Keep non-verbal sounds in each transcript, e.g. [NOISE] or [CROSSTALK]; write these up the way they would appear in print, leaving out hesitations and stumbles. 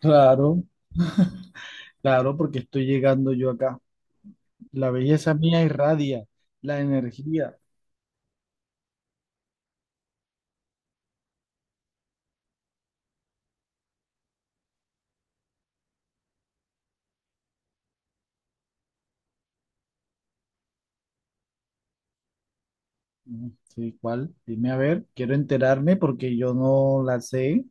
Claro, claro, porque estoy llegando yo acá. La belleza mía irradia, la energía. Mm, sí, ¿cuál? Dime a ver, quiero enterarme porque yo no la sé.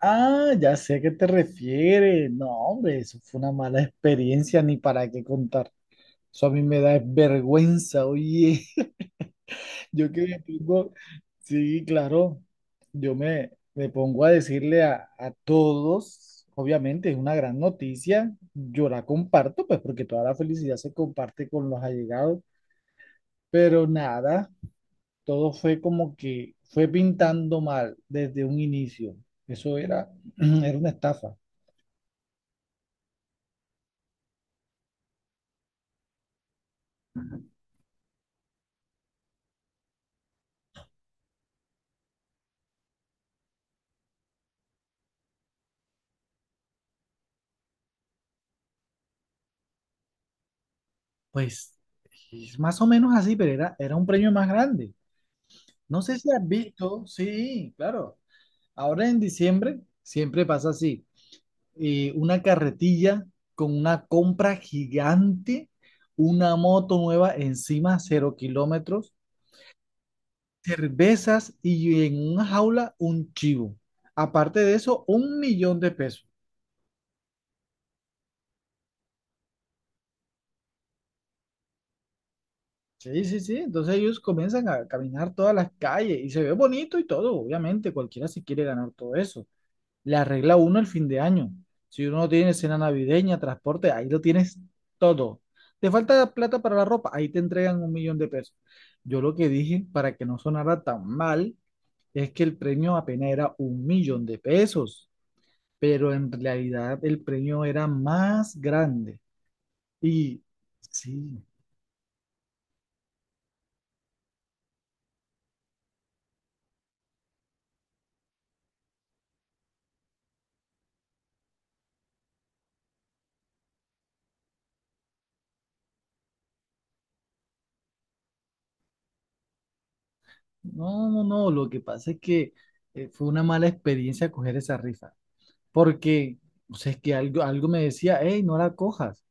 Ah, ya sé a qué te refieres. No, hombre, eso fue una mala experiencia, ni para qué contar. Eso a mí me da vergüenza, oye. Yo que me pongo, sí, claro, yo me pongo a decirle a todos, obviamente es una gran noticia, yo la comparto, pues porque toda la felicidad se comparte con los allegados, pero nada, todo fue como que fue pintando mal desde un inicio, eso era, [CLEARS THROAT] era una estafa. Pues es más o menos así, pero era un premio más grande. No sé si has visto, sí, claro, ahora en diciembre siempre pasa así. Una carretilla con una compra gigante, una moto nueva encima, cero kilómetros, cervezas y en una jaula un chivo. Aparte de eso, un millón de pesos. Sí, sí, sí. Entonces ellos comienzan a caminar todas las calles y se ve bonito y todo, obviamente. Cualquiera se quiere ganar todo eso. Le arregla uno el fin de año. Si uno no tiene cena navideña, transporte, ahí lo tienes todo. Te falta plata para la ropa, ahí te entregan un millón de pesos. Yo lo que dije, para que no sonara tan mal, es que el premio apenas era un millón de pesos, pero en realidad el premio era más grande. Y sí, no, no, no, lo que pasa es que fue una mala experiencia coger esa rifa, porque, o sea, es que algo me decía, hey, no la cojas.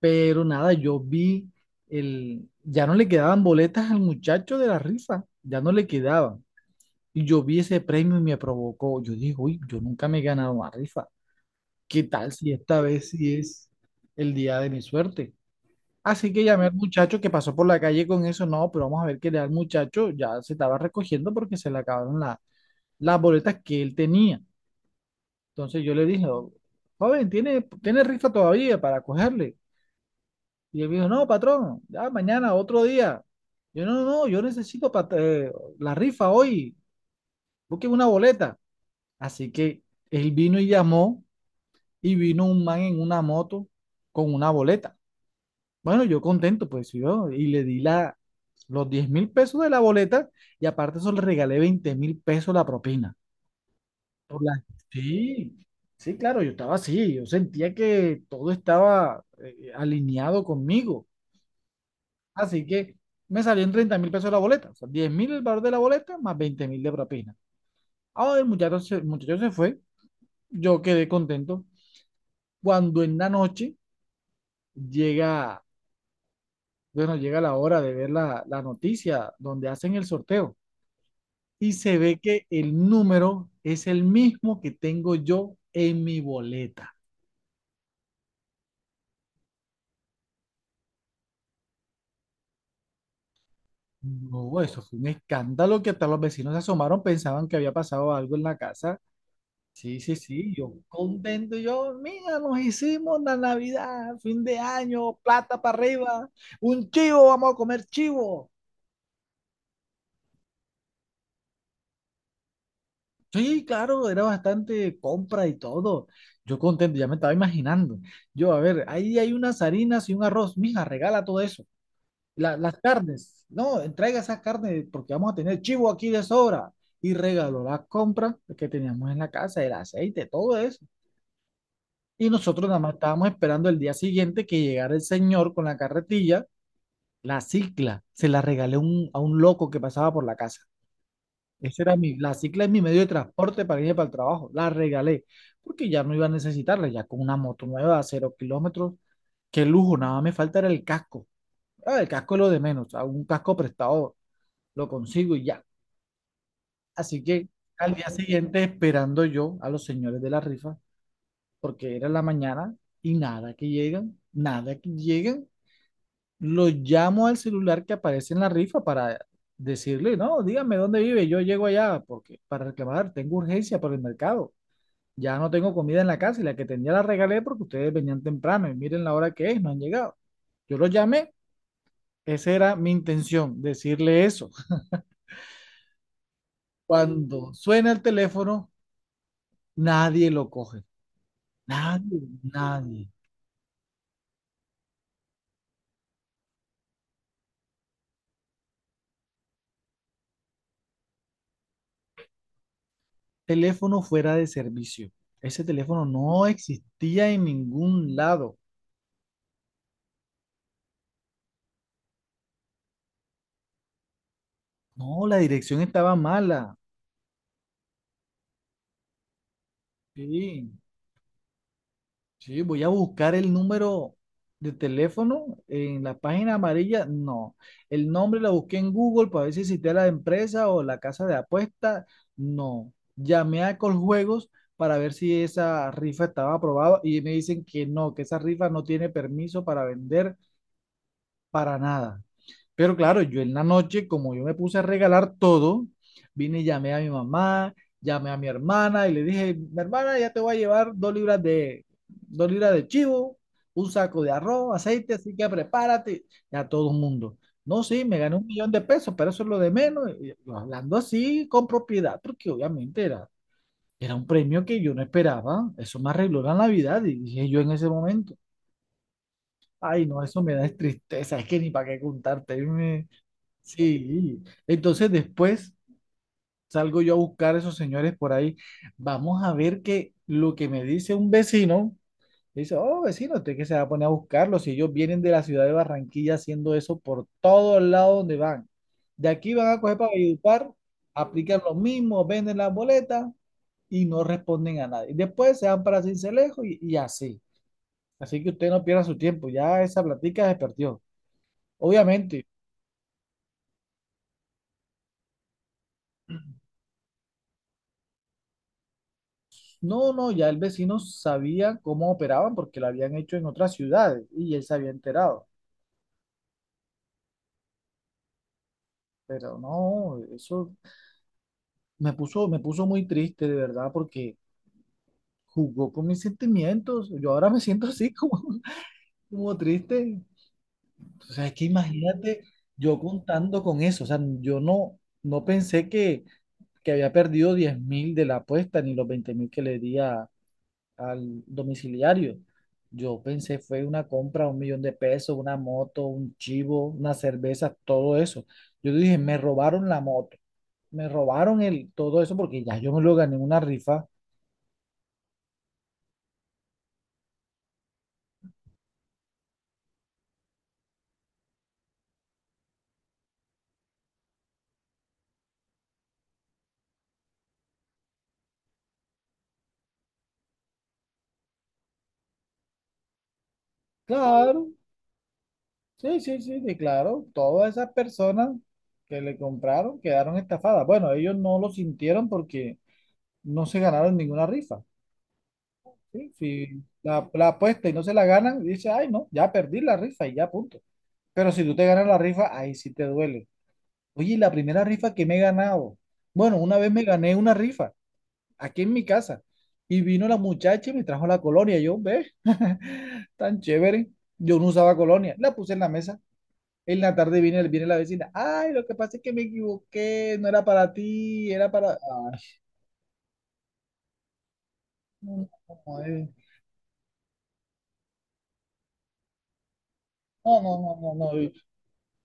Pero nada, yo vi el, ya no le quedaban boletas al muchacho de la rifa, ya no le quedaban. Y yo vi ese premio y me provocó. Yo dije, uy, yo nunca me he ganado una rifa. ¿Qué tal si esta vez sí es el día de mi suerte? Así que llamé al muchacho que pasó por la calle con eso. No, pero vamos a ver qué le da al muchacho. Ya se estaba recogiendo porque se le acabaron las boletas que él tenía. Entonces yo le dije, "Oh, joven, ¿tiene rifa todavía para cogerle?" Y él me dijo, no, patrón, ya mañana, otro día. Yo, no, no, no, yo necesito la rifa hoy, busquen una boleta. Así que él vino y llamó y vino un man en una moto con una boleta. Bueno, yo contento, pues yo, y le di la, los 10.000 pesos de la boleta y aparte eso le regalé 20.000 pesos la propina. Por la- Sí, sí, claro, yo estaba así, yo sentía que todo estaba alineado conmigo. Así que me salió en 30.000 pesos la boleta. O sea, 10 mil el valor de la boleta más 20.000 de propina. Ahora el muchacho, el muchacho se fue. Yo quedé contento. Cuando en la noche llega, bueno, llega la hora de ver la noticia donde hacen el sorteo. Y se ve que el número es el mismo que tengo yo en mi boleta. No, eso fue un escándalo que hasta los vecinos se asomaron, pensaban que había pasado algo en la casa. Sí, sí, sí, yo contento, yo, mira, nos hicimos la Navidad, fin de año, plata para arriba, un chivo, vamos a comer chivo. Sí, claro, era bastante compra y todo. Yo contento, ya me estaba imaginando. Yo, a ver, ahí hay unas harinas y un arroz, mija, regala todo eso. Las carnes, no, entrega esas carnes porque vamos a tener chivo aquí de sobra. Y regaló la compra que teníamos en la casa, el aceite, todo eso. Y nosotros nada más estábamos esperando el día siguiente que llegara el señor con la carretilla, la cicla. Se la regalé a un loco que pasaba por la casa. Esa era mi, la cicla es mi medio de transporte para irme para el trabajo. La regalé porque ya no iba a necesitarla, ya con una moto nueva a cero kilómetros. Qué lujo, nada más me falta era el casco. Ah, el casco es lo de menos, a un casco prestado lo consigo y ya. Así que al día siguiente esperando yo a los señores de la rifa, porque era en la mañana y nada que llegan, nada que llegan. Lo llamo al celular que aparece en la rifa para decirle, no, dígame dónde vive, yo llego allá porque para reclamar, tengo urgencia por el mercado. Ya no tengo comida en la casa y la que tenía la regalé porque ustedes venían temprano y miren la hora que es, no han llegado. Yo lo llamé, esa era mi intención, decirle eso. Cuando suena el teléfono, nadie lo coge, nadie, nadie. Teléfono fuera de servicio. Ese teléfono no existía en ningún lado. No, la dirección estaba mala. Sí, sí, voy a buscar el número de teléfono en la página amarilla. No, el nombre lo busqué en Google para ver si existía la empresa o la casa de apuestas. No, llamé a Coljuegos para ver si esa rifa estaba aprobada y me dicen que no, que esa rifa no tiene permiso para vender para nada. Pero claro, yo en la noche, como yo me puse a regalar todo, vine y llamé a mi mamá, llamé a mi hermana y le dije, mi hermana, ya te voy a llevar 2 libras de chivo, un saco de arroz, aceite, así que prepárate. Y a todo el mundo. No, sí, me gané un millón de pesos, pero eso es lo de menos. Y yo hablando así con propiedad, porque obviamente era, era un premio que yo no esperaba. Eso me arregló la Navidad, y dije yo en ese momento. Ay, no, eso me da es tristeza, es que ni para qué contarte. Sí, entonces después salgo yo a buscar a esos señores por ahí. Vamos a ver que lo que me dice un vecino, dice, oh vecino, usted que se va a poner a buscarlos. Si ellos vienen de la ciudad de Barranquilla haciendo eso por todos lados donde van. De aquí van a coger para Valledupar, aplican lo mismo, venden las boletas y no responden a nadie. Después se van para Cincelejo y así. Así que usted no pierda su tiempo, ya esa platica se perdió. Obviamente. No, no, ya el vecino sabía cómo operaban porque lo habían hecho en otras ciudades y él se había enterado. Pero no, eso me puso muy triste de verdad porque jugó con mis sentimientos. Yo ahora me siento así como, [LAUGHS] como triste. O sea, es que imagínate yo contando con eso. O sea, yo no, no pensé que había perdido 10.000 de la apuesta ni los 20.000 que le di a, al domiciliario. Yo pensé fue una compra, un millón de pesos, una moto, un chivo, una cerveza, todo eso. Yo dije, me robaron la moto, me robaron el, todo eso porque ya yo me lo gané en una rifa. Claro, sí, sí, sí, sí, claro. Todas esas personas que le compraron quedaron estafadas. Bueno, ellos no lo sintieron porque no se ganaron ninguna rifa. ¿Sí? Si la apuesta y no se la ganan, dice, ay, no, ya perdí la rifa y ya punto. Pero si tú te ganas la rifa, ahí sí te duele. Oye, y la primera rifa que me he ganado. Bueno, una vez me gané una rifa aquí en mi casa y vino la muchacha y me trajo la colonia. Yo, ve, [LAUGHS] tan chévere. Yo no usaba colonia. La puse en la mesa. En la tarde viene la vecina. Ay, lo que pasa es que me equivoqué. No era para ti, era para... Ay, no, no, no, no, No, no, no, no. No. Y,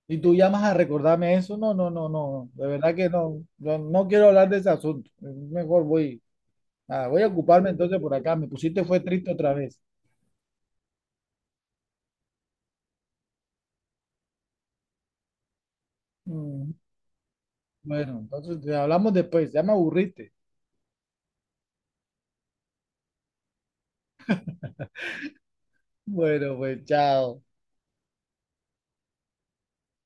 y tú llamas a recordarme eso. No, no, no, no. De verdad que no. No, no quiero hablar de ese asunto. Mejor voy. Ah, voy a ocuparme entonces por acá. Me pusiste fue triste otra vez. Mm, bueno, entonces te hablamos después. Ya me aburriste. Bueno, pues chao.